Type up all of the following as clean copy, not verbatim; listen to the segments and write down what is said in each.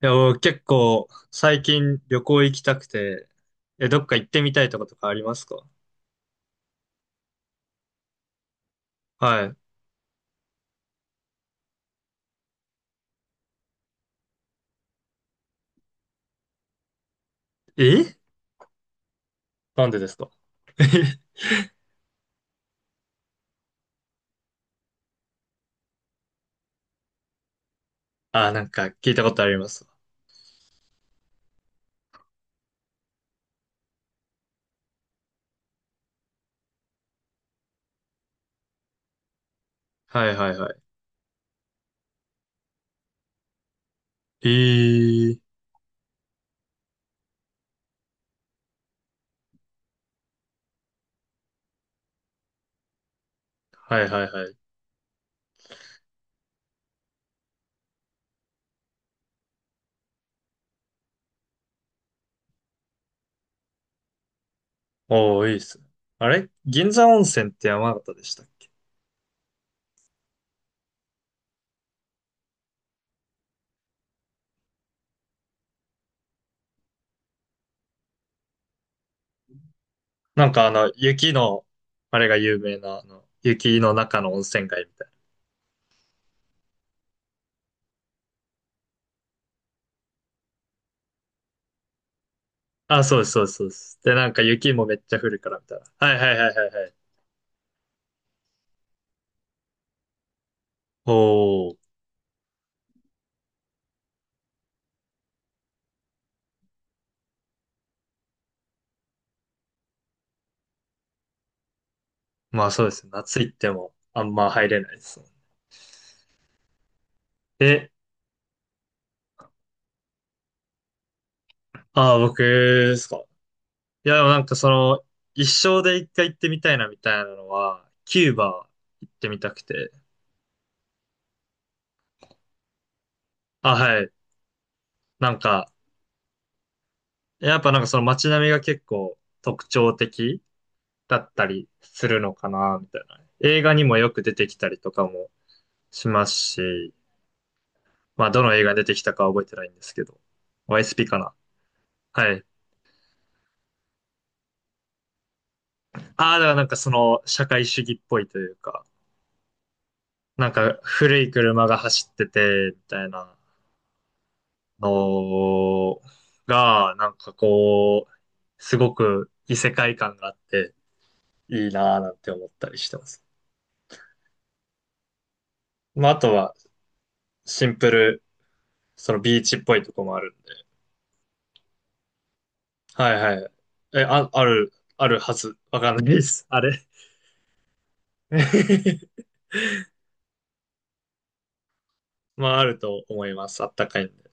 いや、僕結構最近旅行行きたくて、どっか行ってみたいとことかありますか？はい。なんでですか？ あ、なんか聞いたことあります。はいはいはい。はいはいはい。おー、いいっすね。あれ銀山温泉って山形でしたっけ？なんか雪の、あれが有名な、雪の中の温泉街みたいな。あ、そうですそうですそうです。で、なんか雪もめっちゃ降るからみたいな。はいはいはいはいはい。おー。まあそうですね。夏行ってもあんま入れないですね。で、ああ、僕ですか。いや、でもなんかその、一生で一回行ってみたいなみたいなのは、キューバ行ってみたくて。あ、はい。なんか、やっぱなんかその街並みが結構特徴的だったりするのかな、みたいな。映画にもよく出てきたりとかもしますし、まあどの映画に出てきたかは覚えてないんですけど、YSP かな。はい。ああ、だからなんかその社会主義っぽいというか、なんか古い車が走ってて、みたいなのが、なんかこう、すごく異世界感があっていいなぁなんて思ったりしてます。まあ、あとはシンプル、そのビーチっぽいとこもあるんで。はいはい。え、あ、ある、あるはず。わかんないです。あれ。まあ、あると思います。あったかいんで。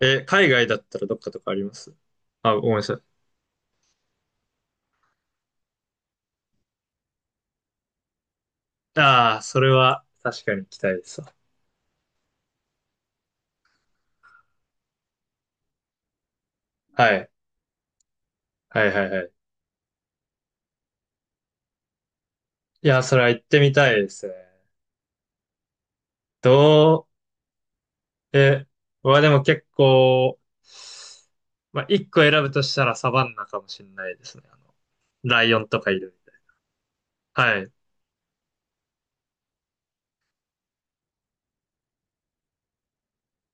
海外だったらどっかとかあります？あ、ごめんなさい。ああ、それは確かに行きたいですわ。はい。はいはいはい。いや、それは行ってみたいですね。どう、え、僕でも結構、まあ、一個選ぶとしたらサバンナかもしれないですね。ライオンとかいるみたいな。はい。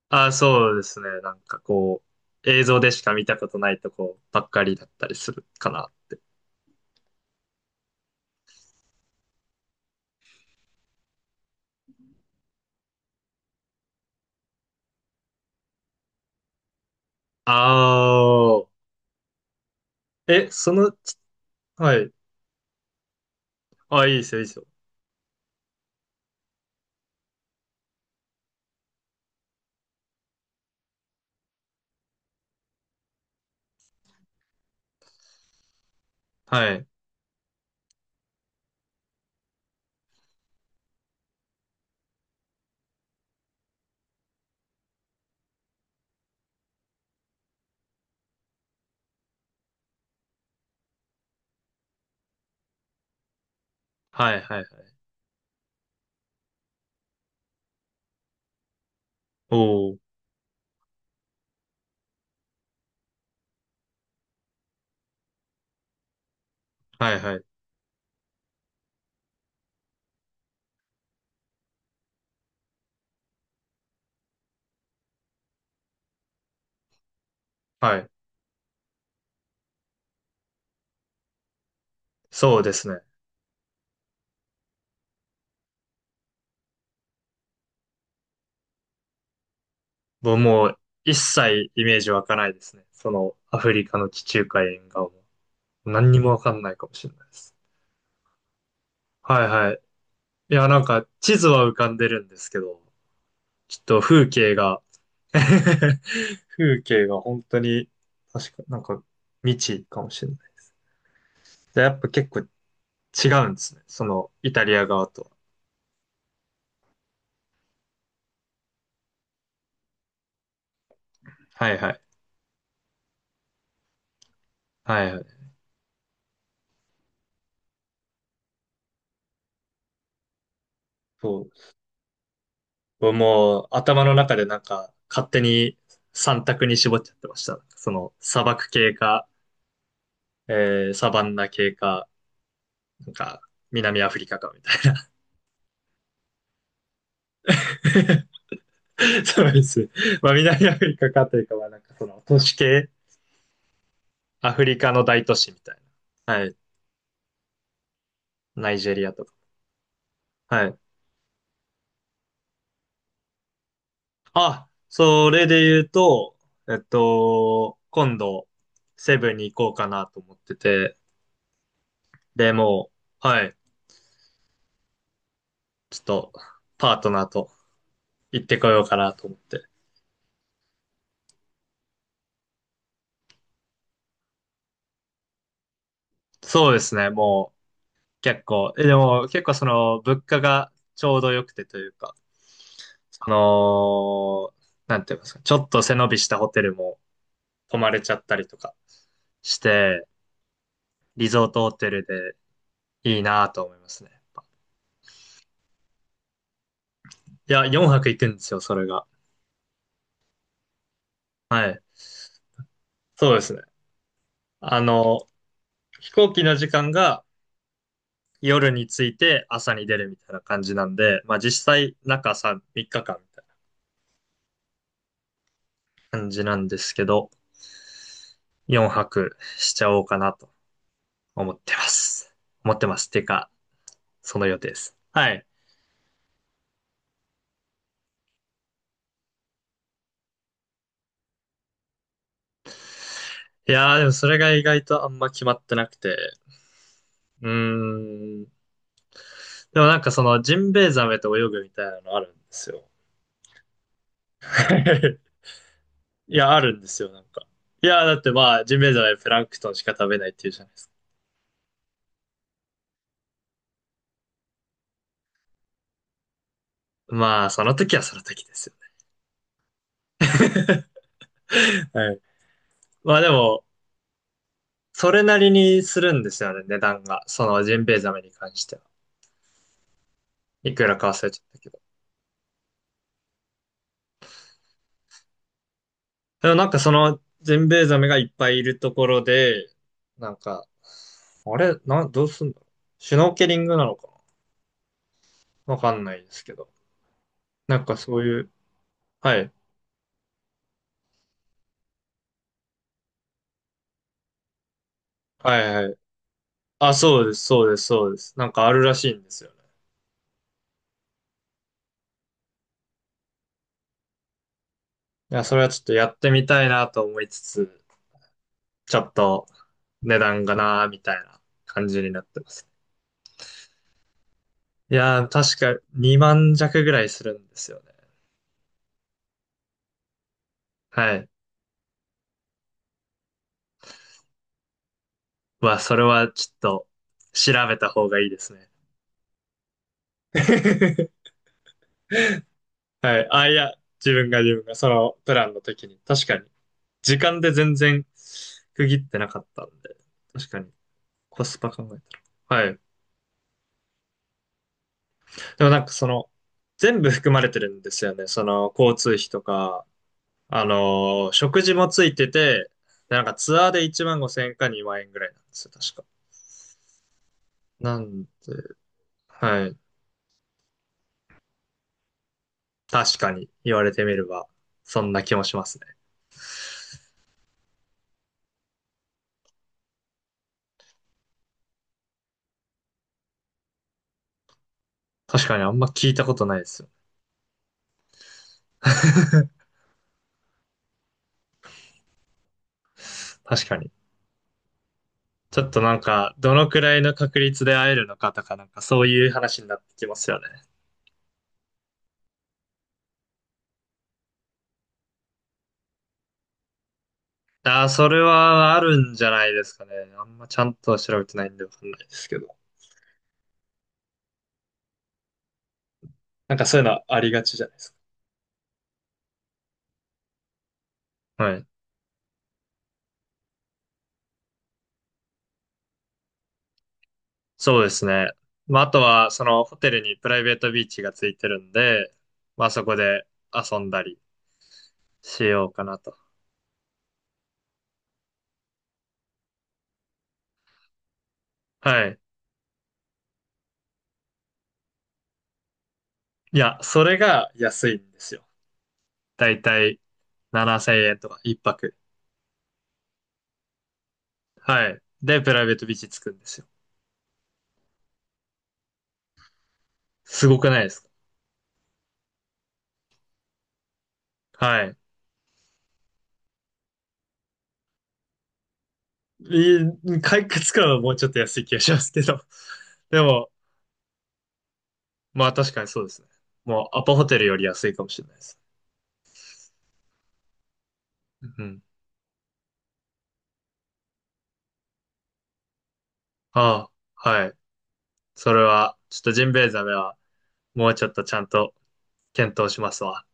あ、そうですね。なんかこう、映像でしか見たことないとこばっかりだったりするかな。ああ、え、その、ちはい。あ、いいですよ、いいですよ。はい。はい、はい、はい。おー、はい、はい、はい。そうですね。もう一切イメージ湧かないですね。そのアフリカの地中海沿岸も。何にもわかんないかもしれないです。はいはい。いや、なんか地図は浮かんでるんですけど、ちょっと風景が 風景が本当に、確か、なんか未知かもしれない。で、やっぱ結構違うんですね。そのイタリア側とは。はいはい。はいはい。そう。もう頭の中でなんか勝手に三択に絞っちゃってました。その砂漠系かサバンナ系か、なんか、南アフリカかみたいな。そうですね。まあ、南アフリカかというか、まあ、なんかその、都市系、アフリカの大都市みたいな。はい。ナイジェリアとか。はい。あ、それで言うと、今度、セブンに行こうかなと思ってて、で、もう、はい。ちょっと、パートナーと行ってこようかなと思って。そうですね、もう、結構、でも、結構その、物価がちょうど良くてというか、その、なんて言いますか、ちょっと背伸びしたホテルも泊まれちゃったりとかして、リゾートホテルでいいなと思いますね。いや、4泊行くんですよ、それが。はい。そうですね。あの、飛行機の時間が夜に着いて朝に出るみたいな感じなんで、まあ実際中3、3日間みたいな感じなんですけど、4泊しちゃおうかなと思ってます。思ってます。てか、その予定です。はい。いやー、でもそれが意外とあんま決まってなくて。うーん。でもなんかそのジンベエザメと泳ぐみたいなのあるんですよ。いや、あるんですよ、なんか。いやだってまあ、ジンベエザメプランクトンしか食べないっていうじゃないですか。まあ、その時はその時ですよね。はい。まあでも、それなりにするんですよね、値段が。そのジンベエザメに関しては。いくらか忘れちゃったけど。でもなんかそのジンベエザメがいっぱいいるところで、なんか、あれ、どうすんだろう。シュノーケリングなのか。わかんないですけど。なんかそういう、はい。はいはい。あ、そうです、そうです、そうです。なんかあるらしいんですよね。いや、それはちょっとやってみたいなと思いつつ、ちょっと値段がなーみたいな感じになってます。いやー、確か2万弱ぐらいするんですよね。はい。うわ、それはちょっと調べた方がいいですね。はい。あ、いや、自分がそのプランの時に。確かに。時間で全然区切ってなかったんで。確かに。コスパ考えたら。はい。でもなんかその、全部含まれてるんですよね。その、交通費とか、食事もついてて、でなんかツアーで1万5千円か2万円ぐらいなんですよ、確か。なんで、はい。確かに言われてみれば、そんな気もしますね。確かにあんま聞いたことないですよ。確かに。ちょっとなんか、どのくらいの確率で会えるのかとか、なんかそういう話になってきますよね。ああ、それはあるんじゃないですかね。あんまちゃんとは調べてないんでわかんないですけど。なんかそういうのはありがちじゃないですか？はい。そうですね。まあ、あとは、そのホテルにプライベートビーチがついてるんで、まあそこで遊んだりしようかなと。はい。いや、それが安いんですよ。だいたい7000円とか一泊。はい。で、プライベートビーチつくんですよ。すごくないですか？はい。い回復つくのはもうちょっと安い気がしますけど。でも、まあ確かにそうですね。もうアパホテルより安いかもしれないです。うん。ああ、はい。それは、ちょっとジンベエザメはもうちょっとちゃんと検討しますわ。